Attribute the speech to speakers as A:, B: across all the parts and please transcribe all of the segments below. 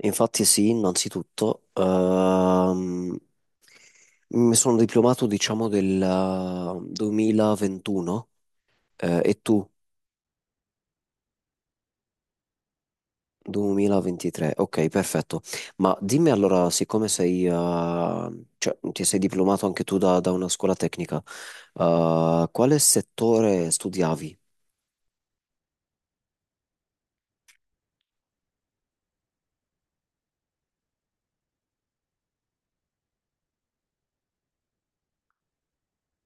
A: Infatti sì, innanzitutto, mi sono diplomato diciamo del 2021. E tu 2023, ok, perfetto. Ma dimmi allora, siccome sei, ti sei diplomato anche tu da, da una scuola tecnica, quale settore studiavi?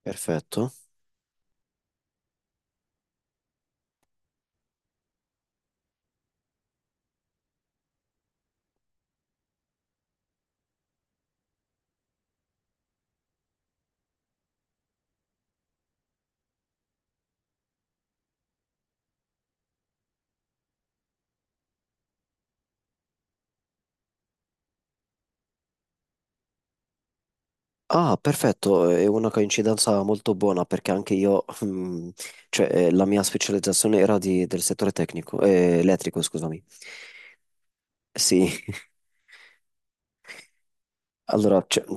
A: Perfetto. Ah, perfetto, è una coincidenza molto buona perché anche io, cioè, la mia specializzazione era del settore tecnico, elettrico, scusami. Sì, allora, cioè,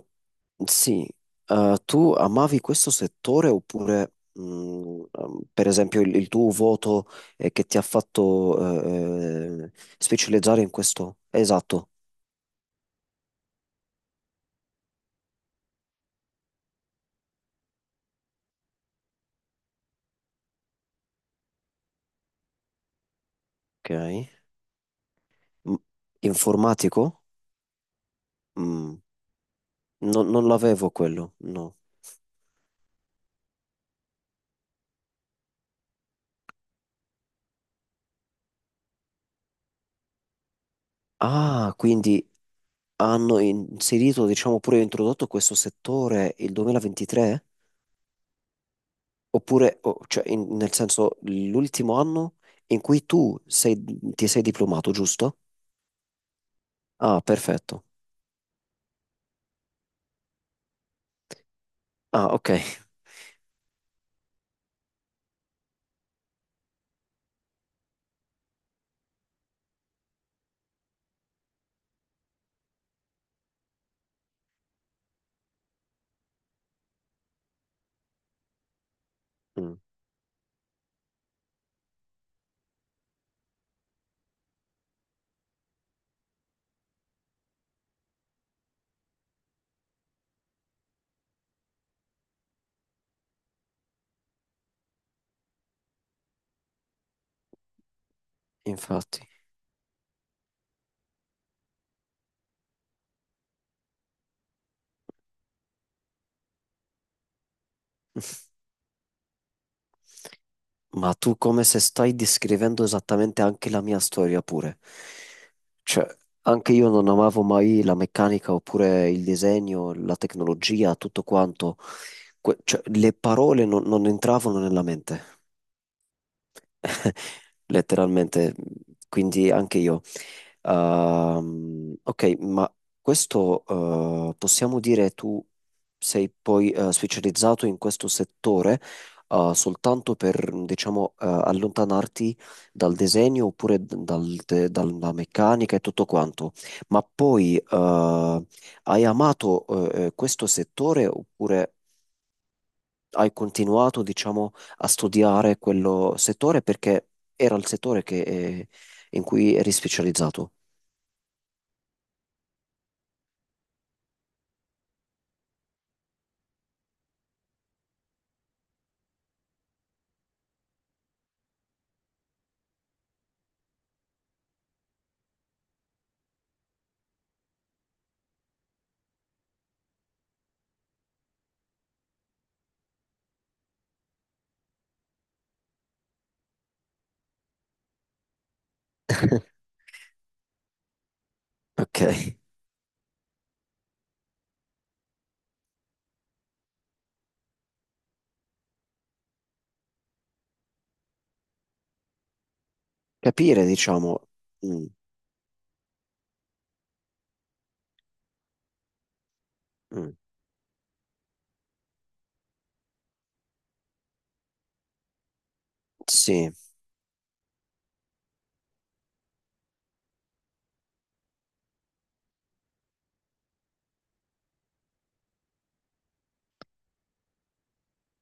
A: sì. Tu amavi questo settore oppure, per esempio, il tuo voto che ti ha fatto specializzare in questo? Esatto, ok. M- Informatico? Mm, non l'avevo quello, no. Ah, quindi hanno inserito, diciamo pure introdotto questo settore il 2023? Oppure, nel senso, l'ultimo anno in cui ti sei diplomato, giusto? Ah, perfetto. Ah, ok. Mm, infatti. Ma tu come se stai descrivendo esattamente anche la mia storia pure. Cioè, anche io non amavo mai la meccanica oppure il disegno, la tecnologia, tutto quanto. Cioè, le parole non entravano nella mente. Letteralmente, quindi anche io. Ok, ma questo, possiamo dire tu sei poi specializzato in questo settore soltanto per, diciamo, allontanarti dal disegno oppure dalla meccanica e tutto quanto, ma poi, hai amato questo settore oppure hai continuato, diciamo, a studiare quello settore perché era il settore che, in cui eri specializzato. Ok. Capire, diciamo. Mm, mm, sì.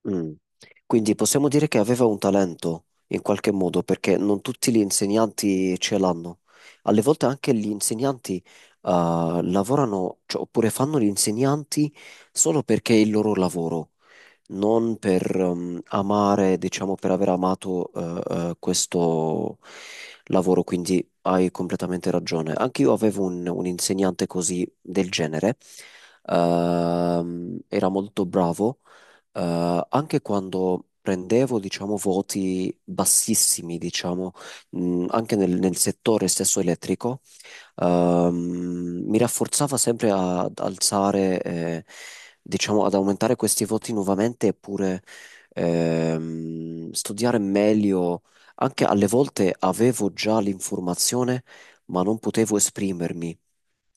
A: Mm. Quindi possiamo dire che aveva un talento in qualche modo perché non tutti gli insegnanti ce l'hanno. Alle volte anche gli insegnanti, lavorano, cioè, oppure fanno gli insegnanti solo perché è il loro lavoro. Non per, amare, diciamo per aver amato, questo lavoro, quindi hai completamente ragione. Anche io avevo un insegnante così del genere. Era molto bravo, anche quando prendevo, diciamo, voti bassissimi, diciamo, anche nel, nel settore stesso elettrico, mi rafforzava sempre ad alzare, diciamo, ad aumentare questi voti nuovamente, eppure, studiare meglio. Anche alle volte avevo già l'informazione, ma non potevo esprimermi.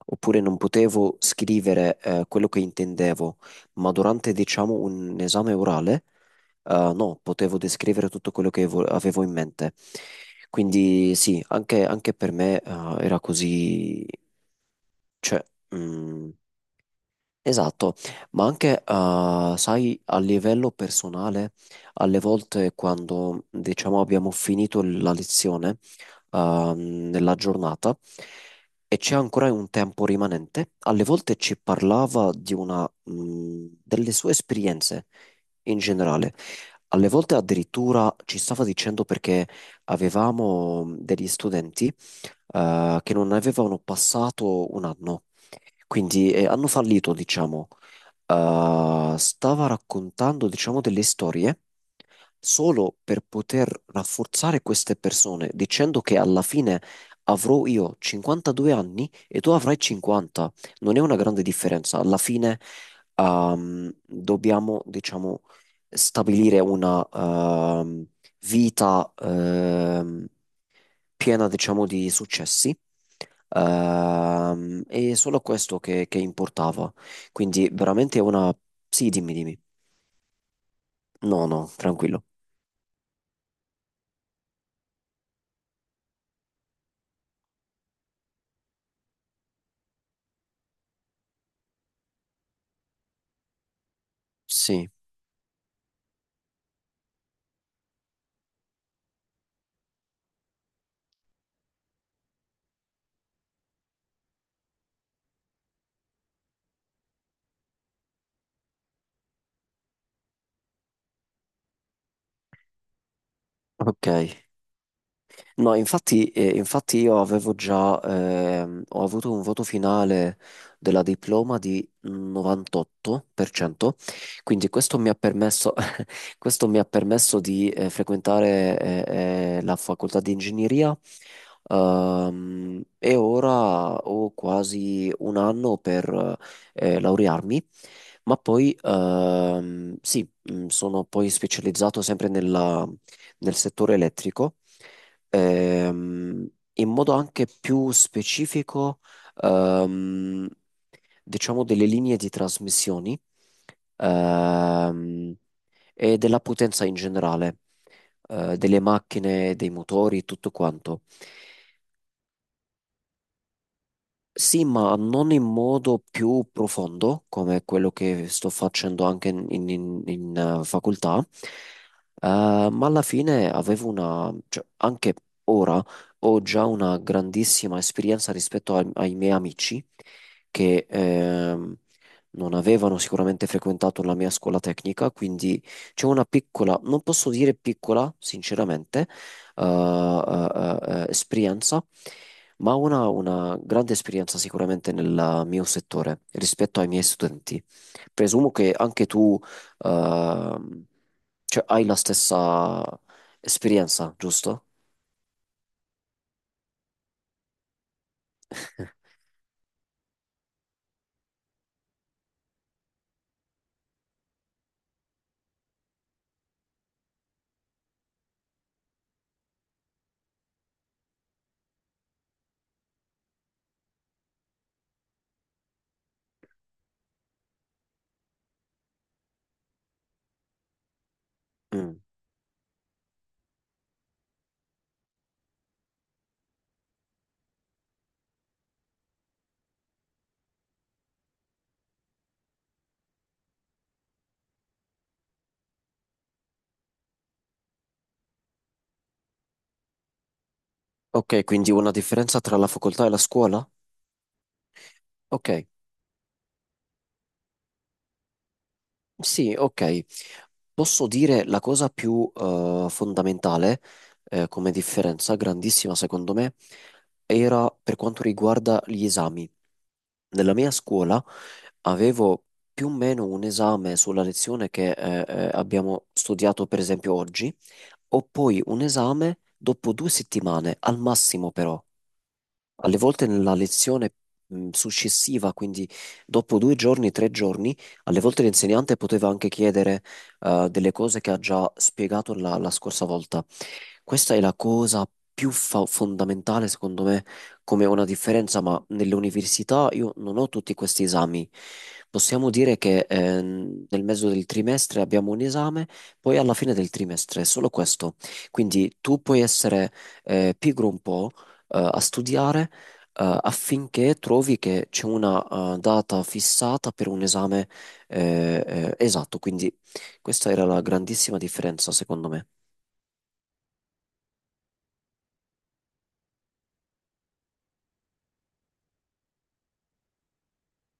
A: Oppure non potevo scrivere, quello che intendevo, ma durante, diciamo, un esame orale, no, potevo descrivere tutto quello che avevo in mente. Quindi sì, anche, anche per me, era così, cioè, mm, Esatto, ma anche, sai, a livello personale, alle volte quando, diciamo, abbiamo finito la lezione, nella giornata e c'è ancora un tempo rimanente, alle volte ci parlava di una, delle sue esperienze in generale. Alle volte addirittura ci stava dicendo perché avevamo, degli studenti, che non avevano passato un anno, quindi, hanno fallito, diciamo. Stava raccontando, diciamo, delle storie solo per poter rafforzare queste persone, dicendo che alla fine avrò io 52 anni e tu avrai 50. Non è una grande differenza. Alla fine, dobbiamo, diciamo, stabilire una, vita, piena, diciamo, di successi. E solo questo che importava. Quindi veramente una... Sì, dimmi, dimmi. No, no, tranquillo. Sì, ok. No, infatti, infatti io avevo già, ho avuto un voto finale della diploma di 98%, quindi questo mi ha permesso, questo mi ha permesso di frequentare la facoltà di ingegneria, e ora ho quasi un anno per laurearmi, ma poi, sì, sono poi specializzato sempre nel settore elettrico, ehm, in modo anche più specifico, ehm, diciamo, delle linee di trasmissioni. Ehm, e della potenza in generale, delle macchine, dei motori, tutto quanto. Sì, ma non in modo più profondo, come quello che sto facendo anche in, facoltà. Eh, ma alla fine avevo una, cioè, anche ora ho già una grandissima esperienza rispetto ai, ai miei amici che, non avevano sicuramente frequentato la mia scuola tecnica, quindi c'è una piccola, non posso dire piccola, sinceramente, eh, eh, esperienza, ma ho una ha una grande esperienza sicuramente nel mio settore rispetto ai miei studenti. Presumo che anche tu, ehm, cioè, hai la stessa esperienza, giusto? Mm. Ok, quindi una differenza tra la facoltà e la scuola? Ok. Sì, ok. Posso dire la cosa più, fondamentale, come differenza, grandissima secondo me, era per quanto riguarda gli esami. Nella mia scuola avevo più o meno un esame sulla lezione che abbiamo studiato per esempio oggi, o poi un esame dopo 2 settimane, al massimo però. Alle volte nella lezione, successiva, quindi dopo 2 giorni, 3 giorni, alle volte l'insegnante poteva anche chiedere delle cose che ha già spiegato la, la scorsa volta. Questa è la cosa più fondamentale, secondo me, come una differenza, ma nelle università io non ho tutti questi esami. Possiamo dire che, nel mezzo del trimestre abbiamo un esame, poi alla fine del trimestre è solo questo. Quindi tu puoi essere pigro un po' a studiare affinché trovi che c'è una data fissata per un esame, esatto. Quindi questa era la grandissima differenza, secondo me.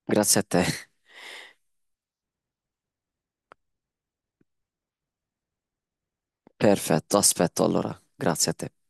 A: Grazie a te. Perfetto, aspetto allora. Grazie a te.